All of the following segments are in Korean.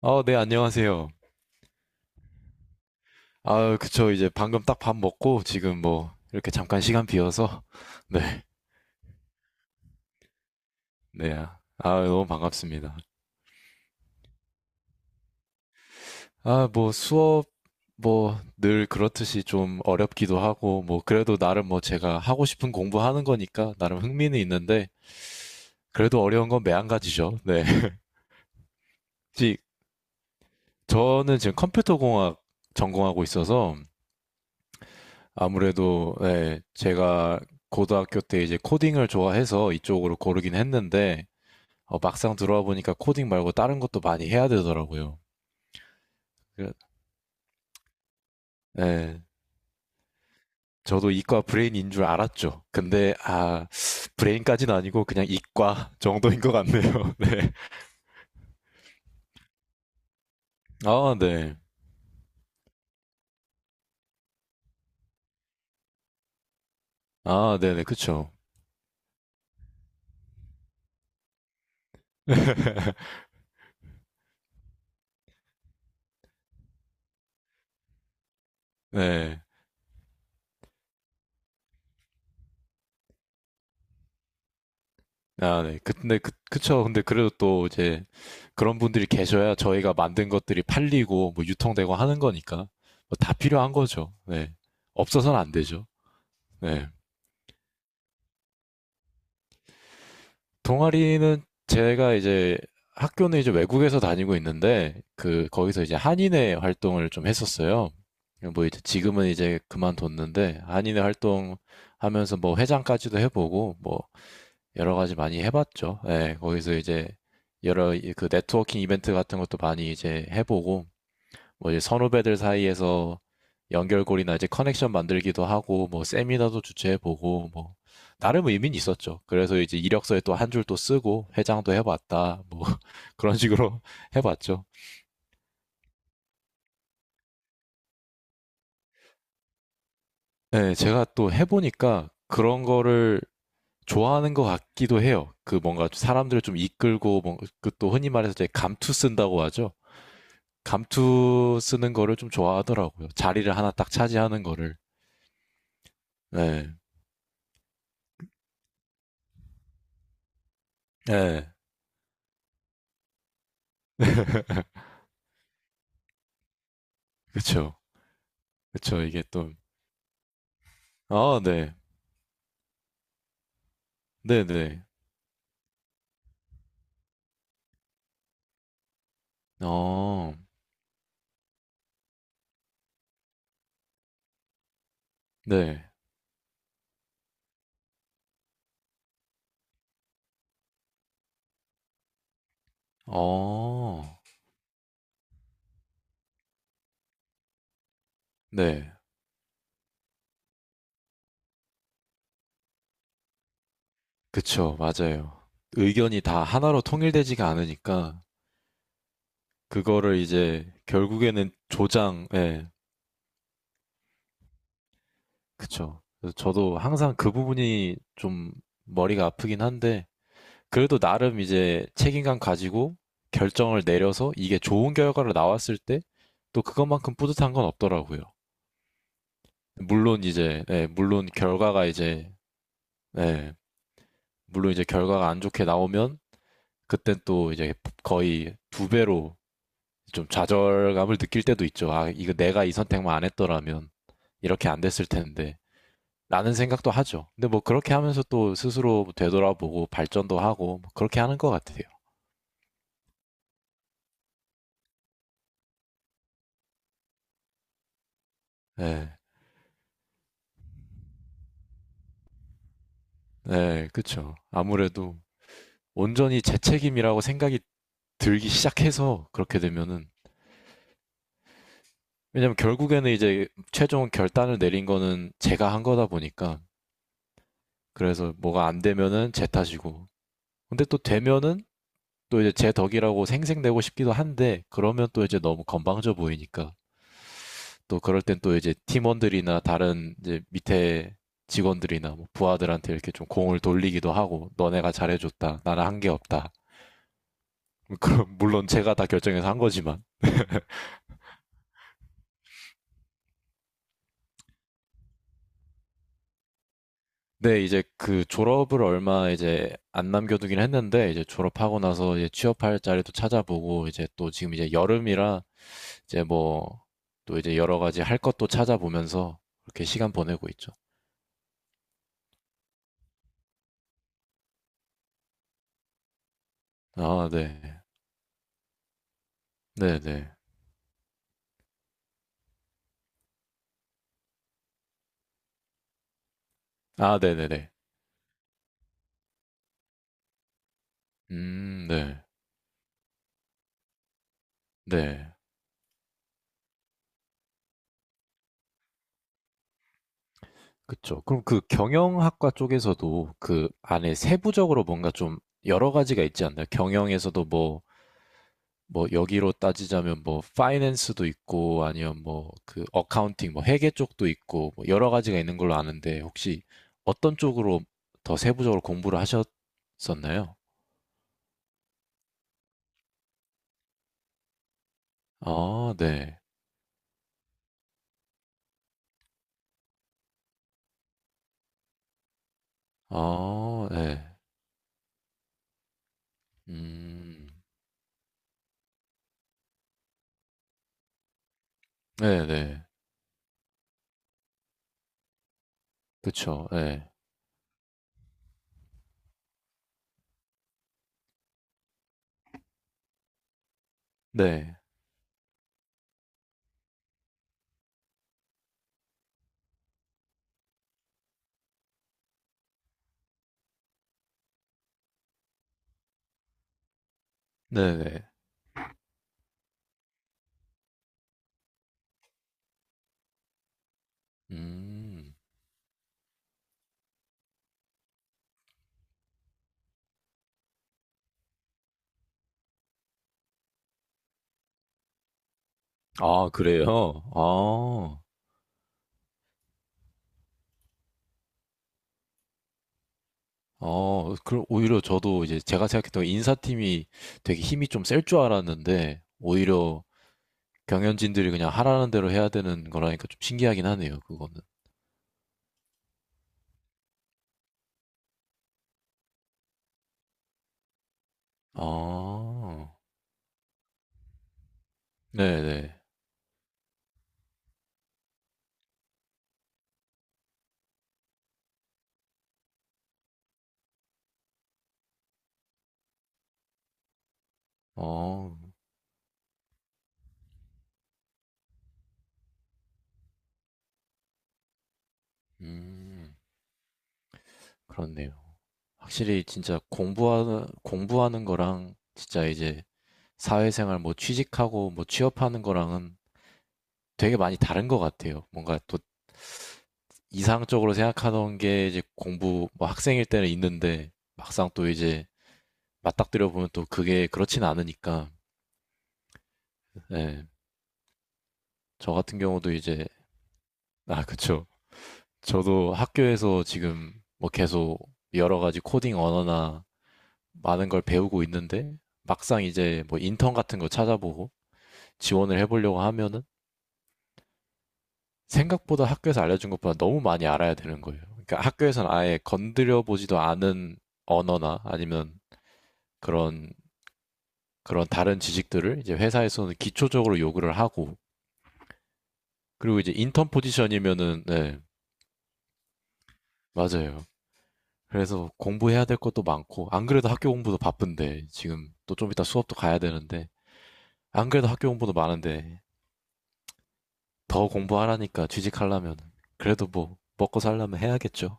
어, 네, 안녕하세요. 아, 그쵸. 이제 방금 딱 밥 먹고 지금 뭐 이렇게 잠깐 시간 비어서 네, 네. 아, 너무 반갑습니다. 아, 뭐 수업 뭐 늘 그렇듯이 좀 어렵기도 하고 뭐 그래도 나름 뭐 제가 하고 싶은 공부하는 거니까 나름 흥미는 있는데 그래도 어려운 건 매한가지죠. 네. 혹시 저는 지금 컴퓨터공학 전공하고 있어서 아무래도 네, 제가 고등학교 때 이제 코딩을 좋아해서 이쪽으로 고르긴 했는데 어, 막상 들어와 보니까 코딩 말고 다른 것도 많이 해야 되더라고요. 그래- 예. 저도 이과 브레인인 줄 알았죠. 근데 아, 브레인까지는 아니고 그냥 이과 정도인 것 같네요. 네. 아, 네. 아, 네네. 그쵸. 네. 아, 네. 근데 그쵸. 근데 그래도 또 이제 그런 분들이 계셔야 저희가 만든 것들이 팔리고 뭐 유통되고 하는 거니까 뭐다 필요한 거죠. 네. 없어서는 안 되죠. 네. 동아리는 제가 이제 학교는 이제 외국에서 다니고 있는데 그 거기서 이제 한인회 활동을 좀 했었어요. 뭐 이제 지금은 이제 그만뒀는데 한인회 활동 하면서 뭐 회장까지도 해보고 뭐 여러 가지 많이 해봤죠. 예, 거기서 이제 여러 그 네트워킹 이벤트 같은 것도 많이 이제 해보고 뭐 이제 선후배들 사이에서 연결고리나 이제 커넥션 만들기도 하고 뭐 세미나도 주최해보고 뭐 나름 의미는 있었죠. 그래서 이제 이력서에 또 한 줄 또 쓰고 회장도 해봤다 뭐 그런 식으로 해봤죠. 네, 제가 또 해보니까 그런 거를 좋아하는 것 같기도 해요. 그 뭔가 사람들을 좀 이끌고 뭐 그또 흔히 말해서 이제 감투 쓴다고 하죠. 감투 쓰는 거를 좀 좋아하더라고요. 자리를 하나 딱 차지하는 거를. 네, 네, 그쵸. 그쵸, 이게 또, 아, 네, 네네, 어, 네, 어, 네, 그쵸, 맞아요. 의견이 다 하나로 통일되지가 않으니까, 그거를 이제, 결국에는 조장, 예, 그쵸. 그래서 저도 항상 그 부분이 좀 머리가 아프긴 한데, 그래도 나름 이제 책임감 가지고 결정을 내려서 이게 좋은 결과로 나왔을 때, 또 그것만큼 뿌듯한 건 없더라고요. 물론 이제, 예, 물론 결과가 이제, 네. 물론 이제 결과가 안 좋게 나오면 그땐 또 이제 거의 두 배로 좀 좌절감을 느낄 때도 있죠. 아, 이거 내가 이 선택만 안 했더라면 이렇게 안 됐을 텐데. 라는 생각도 하죠. 근데 뭐 그렇게 하면서 또 스스로 되돌아보고 발전도 하고 뭐 그렇게 하는 것 같아요. 네. 네, 그쵸. 아무래도 온전히 제 책임이라고 생각이 들기 시작해서 그렇게 되면은 왜냐면 결국에는 이제 최종 결단을 내린 거는 제가 한 거다 보니까 그래서 뭐가 안 되면은 제 탓이고. 근데 또 되면은 또 이제 제 덕이라고 생색내고 싶기도 한데 그러면 또 이제 너무 건방져 보이니까 또 그럴 땐 또 이제 팀원들이나 다른 이제 밑에 직원들이나 뭐 부하들한테 이렇게 좀 공을 돌리기도 하고 너네가 잘해줬다. 나는 한 게 없다. 뭐 그럼 물론 제가 다 결정해서 한 거지만. 네, 이제 그 졸업을 얼마 이제 안 남겨두긴 했는데 이제 졸업하고 나서 이제 취업할 자리도 찾아보고 이제 또 지금 이제 여름이라 이제 뭐, 또 이제 여러 가지 할 것도 찾아보면서 그렇게 시간 보내고 있죠. 아, 네. 네 네. 아, 네 네네. 네. 네. 그쵸. 그럼 그 경영학과 쪽에서도 그 안에 세부적으로 뭔가 좀 여러 가지가 있지 않나요? 경영에서도 뭐, 뭐 여기로 따지자면 뭐 파이낸스도 있고 아니면 뭐 그 어카운팅 뭐 회계 쪽도 있고 뭐 여러 가지가 있는 걸로 아는데 혹시 어떤 쪽으로 더 세부적으로 공부를 하셨었나요? 아 네. 아 네. 음. 네네. 그쵸. 예. 네. 네네. 음. 아 그래요? 아. 어 그럼 오히려 저도 이제 제가 생각했던 인사팀이 되게 힘이 좀 셀 줄 알았는데 오히려 경연진들이 그냥 하라는 대로 해야 되는 거라니까 좀 신기하긴 하네요, 그거는. 아. 네네. 어. 음. 그렇네요. 확실히 진짜 공부하는 거랑 진짜 이제 사회생활 뭐 취직하고 뭐 취업하는 거랑은 되게 많이 다른 것 같아요. 뭔가 또 이상적으로 생각하던 게 이제 공부 뭐 학생일 때는 있는데 막상 또 이제 맞닥뜨려 보면 또 그게 그렇진 않으니까. 예. 저 같은 경우도 이제 아 그쵸. 저도 학교에서 지금 뭐 계속 여러 가지 코딩 언어나 많은 걸 배우고 있는데 막상 이제 뭐 인턴 같은 거 찾아보고 지원을 해보려고 하면은 생각보다 학교에서 알려준 것보다 너무 많이 알아야 되는 거예요. 그러니까 학교에서는 아예 건드려 보지도 않은 언어나 아니면 그런 그런 다른 지식들을 이제 회사에서는 기초적으로 요구를 하고 그리고 이제 인턴 포지션이면은 네, 맞아요. 그래서 공부해야 될 것도 많고 안 그래도 학교 공부도 바쁜데 지금 또 좀 이따 수업도 가야 되는데 안 그래도 학교 공부도 많은데 더 공부하라니까 취직하려면 그래도 뭐 먹고 살려면 해야겠죠.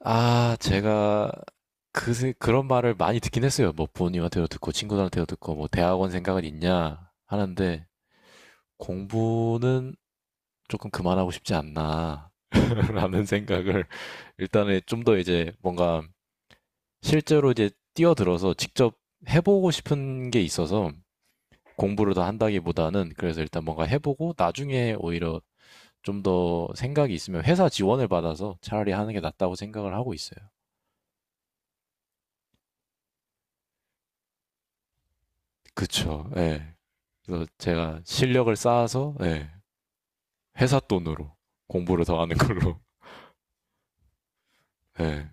아, 제가 그, 그런 말을 많이 듣긴 했어요. 뭐 부모님한테도 듣고 친구들한테도 듣고 뭐 대학원 생각은 있냐 하는데 공부는 조금 그만하고 싶지 않나 라는 생각을 일단은 좀 더 이제 뭔가 실제로 이제 뛰어들어서 직접 해보고 싶은 게 있어서 공부를 다 한다기보다는 그래서 일단 뭔가 해보고 나중에 오히려 좀 더 생각이 있으면 회사 지원을 받아서 차라리 하는 게 낫다고 생각을 하고 있어요. 그쵸. 예. 그래서 제가 실력을 쌓아서 네 회사 돈으로 공부를 더 하는 걸로. 네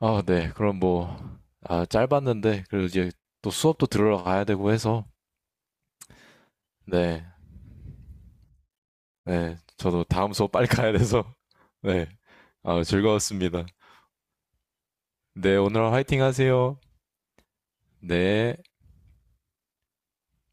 아, 네. 그럼 뭐 아, 짧았는데 그래도 이제 또 수업도 들으러 가야 되고 해서 네. 네. 저도 다음 수업 빨리 가야 돼서 네. 아, 즐거웠습니다. 네, 오늘 화이팅 하세요. 네.